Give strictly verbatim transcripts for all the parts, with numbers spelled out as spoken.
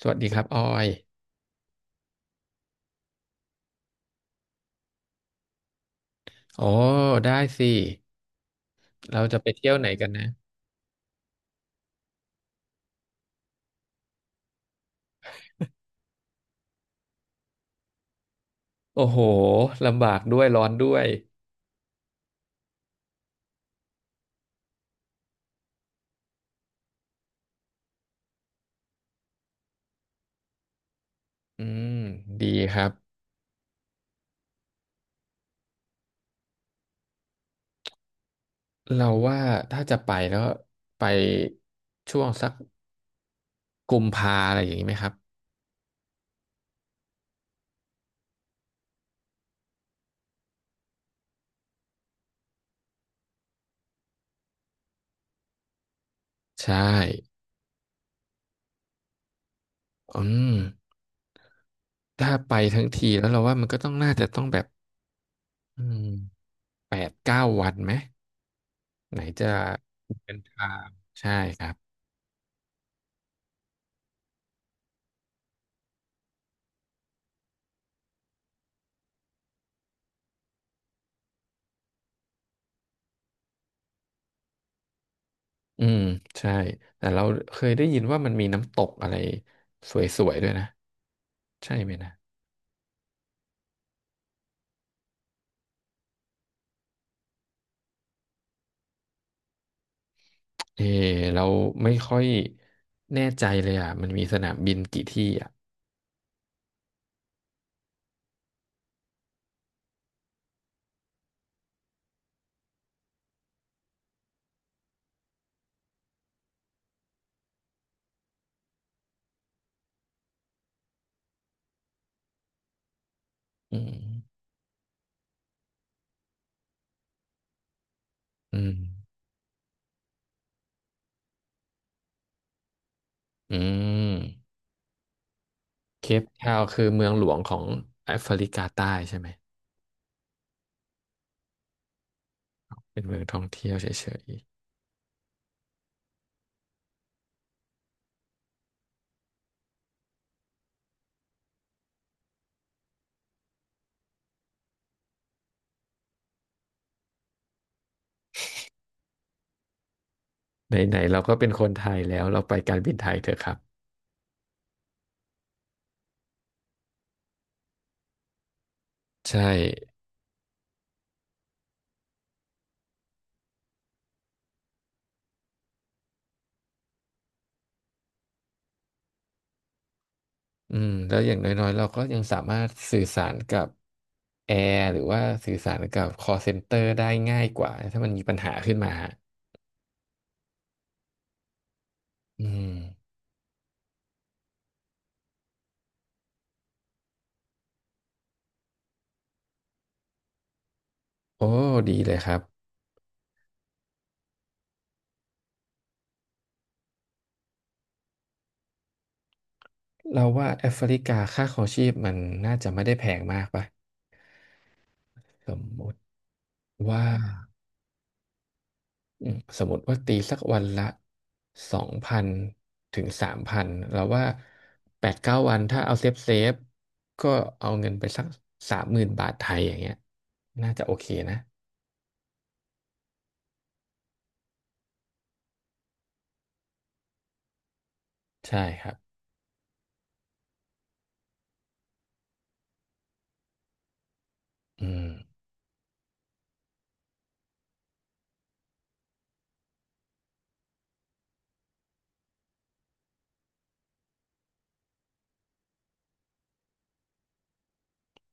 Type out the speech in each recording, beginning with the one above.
สวัสดีครับออยโอ้ได้สิ เราจะไปเที่ยวไหนกันนะโอ้โหลำบากด้วยร้อนด้วยอืมดีครับเราว่าถ้าจะไปแล้วไปช่วงสักกุมภาอะไรอย่างนี้ไหมครับใช่อืมถ้าไปทั้งทีแล้วเราว่ามันก็ต้องน่าจะต้องแบบอืมแปดเก้าวันไหมไหนจะเดินทางใช่ครับอืมใช่แต่เราเคยได้ยินว่ามันมีน้ำตกอะไรสวยๆด้วยนะ ใช่ไหมนะเออเราไม่ค่อยแน่ใจเลยอ่ะมันมีสนามบินกี่ที่อ่ะอืมอืมอืมเคปทาวน์คือเมืองหลวงของแอฟริกาใต้ใช่ไหม เป็นเมืองท่องเที่ยวเฉยๆไหนๆเราก็เป็นคนไทยแล้วเราไปการบินไทยเถอะครับ ใช่อืมแล้วอย่างน้อยๆเราก็ยังสามารถสื่อสารกับแอร์หรือว่าสื่อสารกับ call center ได้ง่ายกว่า ถ้ามันมีปัญหาขึ้นมาอืมโอ้ดีเลยครับ เราว่าแอฟริกาค่าครองชีพมันน่าจะไม่ได้แพงมากป่ะสมมติว่าอืมสมมติว่าตีสักวันละสองพันถึงสามพันเราว่าแปดเก้าวันถ้าเอาเซฟเซฟก็เอาเงินไปสักสามหมื่นบาทไทยอย่างเงี้ยน่าจะโอเคนะใช่ครับอืม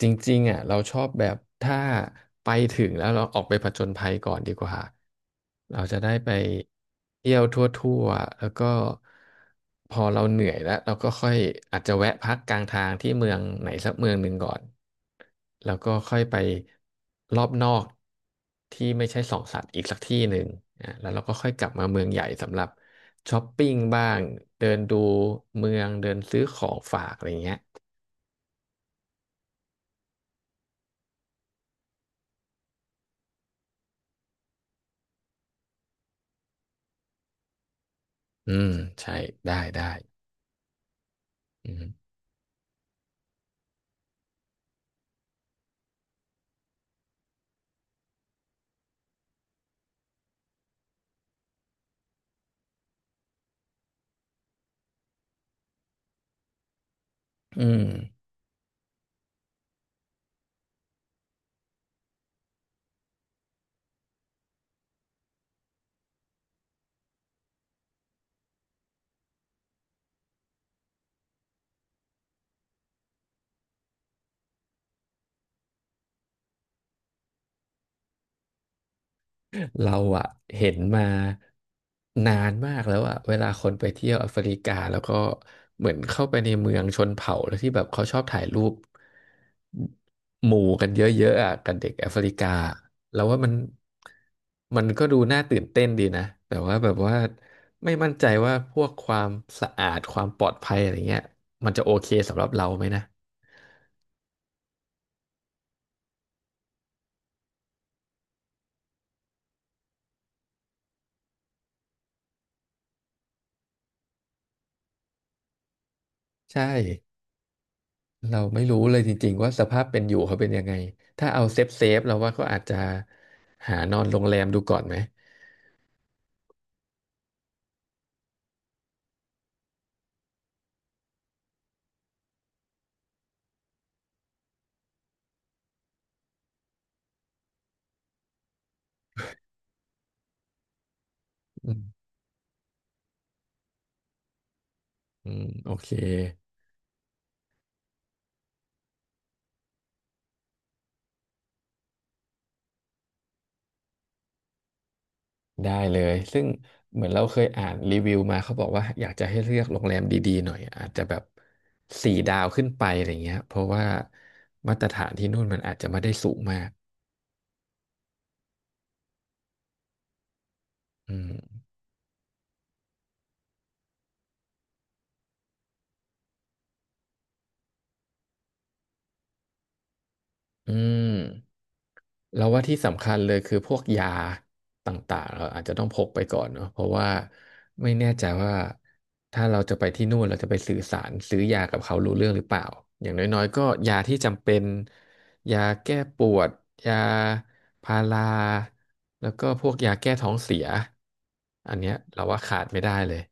จริงๆอ่ะเราชอบแบบถ้าไปถึงแล้วเราออกไปผจญภัยก่อนดีกว่าเราจะได้ไปเที่ยวทั่วๆแล้วก็พอเราเหนื่อยแล้วเราก็ค่อยอาจจะแวะพักกลางทางที่เมืองไหนสักเมืองหนึ่งก่อนแล้วก็ค่อยไปรอบนอกที่ไม่ใช่สองสัตว์อีกสักที่หนึ่งอ่ะแล้วเราก็ค่อยกลับมาเมืองใหญ่สำหรับช้อปปิ้งบ้างเดินดูเมืองเดินซื้อของฝากอะไรเงี้ยอืมใช่ได้ได้ อืมอืมเราอะเห็นมานานมากแล้วอะเวลาคนไปเที่ยวแอฟริกาแล้วก็เหมือนเข้าไปในเมืองชนเผ่าแล้วที่แบบเขาชอบถ่ายรูปหมู่กันเยอะๆอะกับเด็กแอฟริกาแล้วว่ามันมันก็ดูน่าตื่นเต้นดีนะแต่ว่าแบบว่าไม่มั่นใจว่าพวกความสะอาดความปลอดภัยอะไรเงี้ยมันจะโอเคสำหรับเราไหมนะใช่ เราไม่รู้เลยจริงๆว่าสภาพเป็นอยู่เขาเป็นยังไง ถ้าเอาเซฟเซฟเราว่าเขาอาจจะหานอนโรงแรมดูก่อนไหมอืมอืมโอเค ได้เลย ซึ่งเหมือนเราเคยอ่านรีวิวมาเขาบอกว่าอยากจะให้เลือกโรงแรมดีๆหน่อยอาจจะแบบสี่ดาวขึ้นไปอะไรเงี้ยเพราะว่ามาตรฐานที่นู่นมันอาจจะไม่ได้สูงมากอืมอืม เราว่าที่สำคัญเลยคือพวกยาต่างๆเราอาจจะต้องพกไปก่อนเนอะเพราะว่าไม่แน่ใจว่าถ้าเราจะไปที่นู่นเราจะไปสื่อสารซื้อยากับเขารู้เรื่องหรือเปล่าอย่างน้อยๆก็ยาที่จำเป็นยาแก้ปวดยาพาราแล้วก็พวกยาแก้ท้องเสียอันเนี้ยเราว่าขาดไม่ได้เลย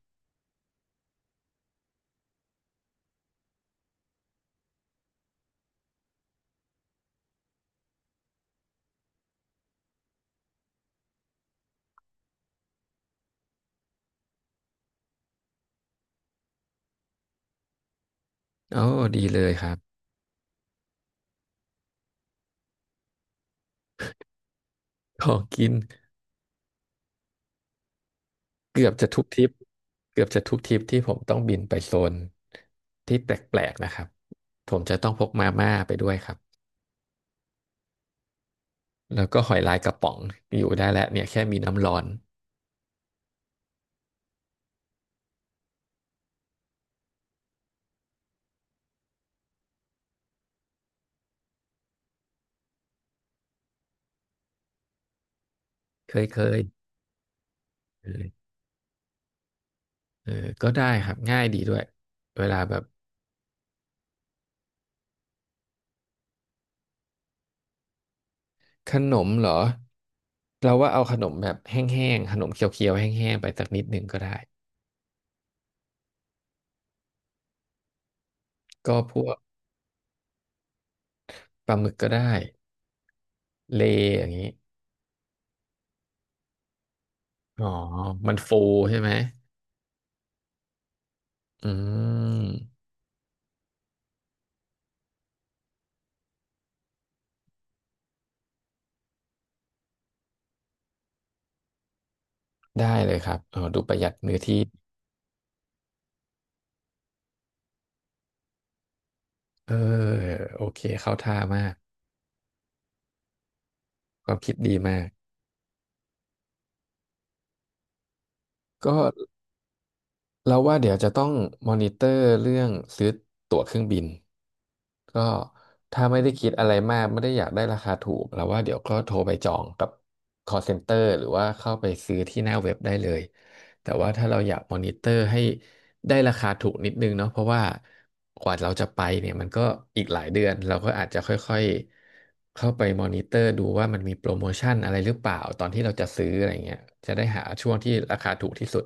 โอ้ดีเลยครับ ของกิน เกือบจะทุกทริปเกือบจะทุกทริปที่ผมต้องบินไปโซนที่แปลกๆนะครับผมจะต้องพกมาม่าไปด้วยครับแล้วก็หอยลายกระป๋องอยู่ได้แล้วเนี่ยแค่มีน้ำร้อนเคยเคยเออเออก็ได้ครับง่ายดีด้วยเวลาแบบขนมเหรอเราว่าเอาขนมแบบแห้งๆขนมเคี้ยวๆแห้งๆไปสักนิดหนึ่งก็ได้ก็พวกปลาหมึกก็ได้เลอย่างนี้อ๋อมันฟูใช่ไหมอืม ได้เลยครับเออดูประหยัดเนื้อที่ เออ โอเค เข้าท่ามากความคิดดีมาก ก็ เราว่าเดี๋ยวจะต้องมอนิเตอร์เรื่องซื้อตั๋วเครื่องบินก็ถ้าไม่ได้คิดอะไรมากไม่ได้อยากได้ราคาถูกเราว่าเดี๋ยวก็โทรไปจองกับ call center หรือว่าเข้าไปซื้อที่หน้าเว็บได้เลยแต่ว่าถ้าเราอยากมอนิเตอร์ให้ได้ราคาถูกนิดนึงเนาะเพราะว่ากว่าเราจะไปเนี่ยมันก็อีกหลายเดือนเราก็อาจจะค่อยๆเข้าไปมอนิเตอร์ดูว่ามันมีโปรโมชั่นอะไรหรือเปล่าตอนที่เราจะซื้ออะไรเงี้ยจะได้หาช่วงที่ราคาถูกที่สุด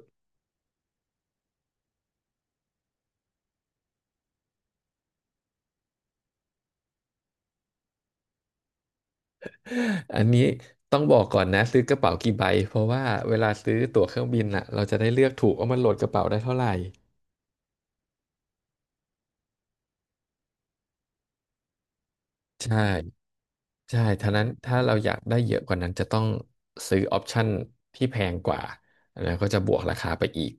อันนี้ต้องบอกก่อนนะซื้อกระเป๋ากี่ใบเพราะว่าเวลาซื้อตั๋วเครื่องบินอ่ะเราจะได้เลือกถูกว่ามันโหลดกระเป๋าได้เท่าไหร่ใช่ใช่ท่านั้นถ้าเราอยากได้เยอะกว่านั้นจะต้องซื้อออปชั่นที่แพงกว่าแล้วก็จะบวกราคาไปอีก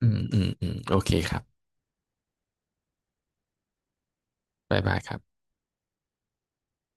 อืมอืมอืมโอเคครับบ๊ายบายครับ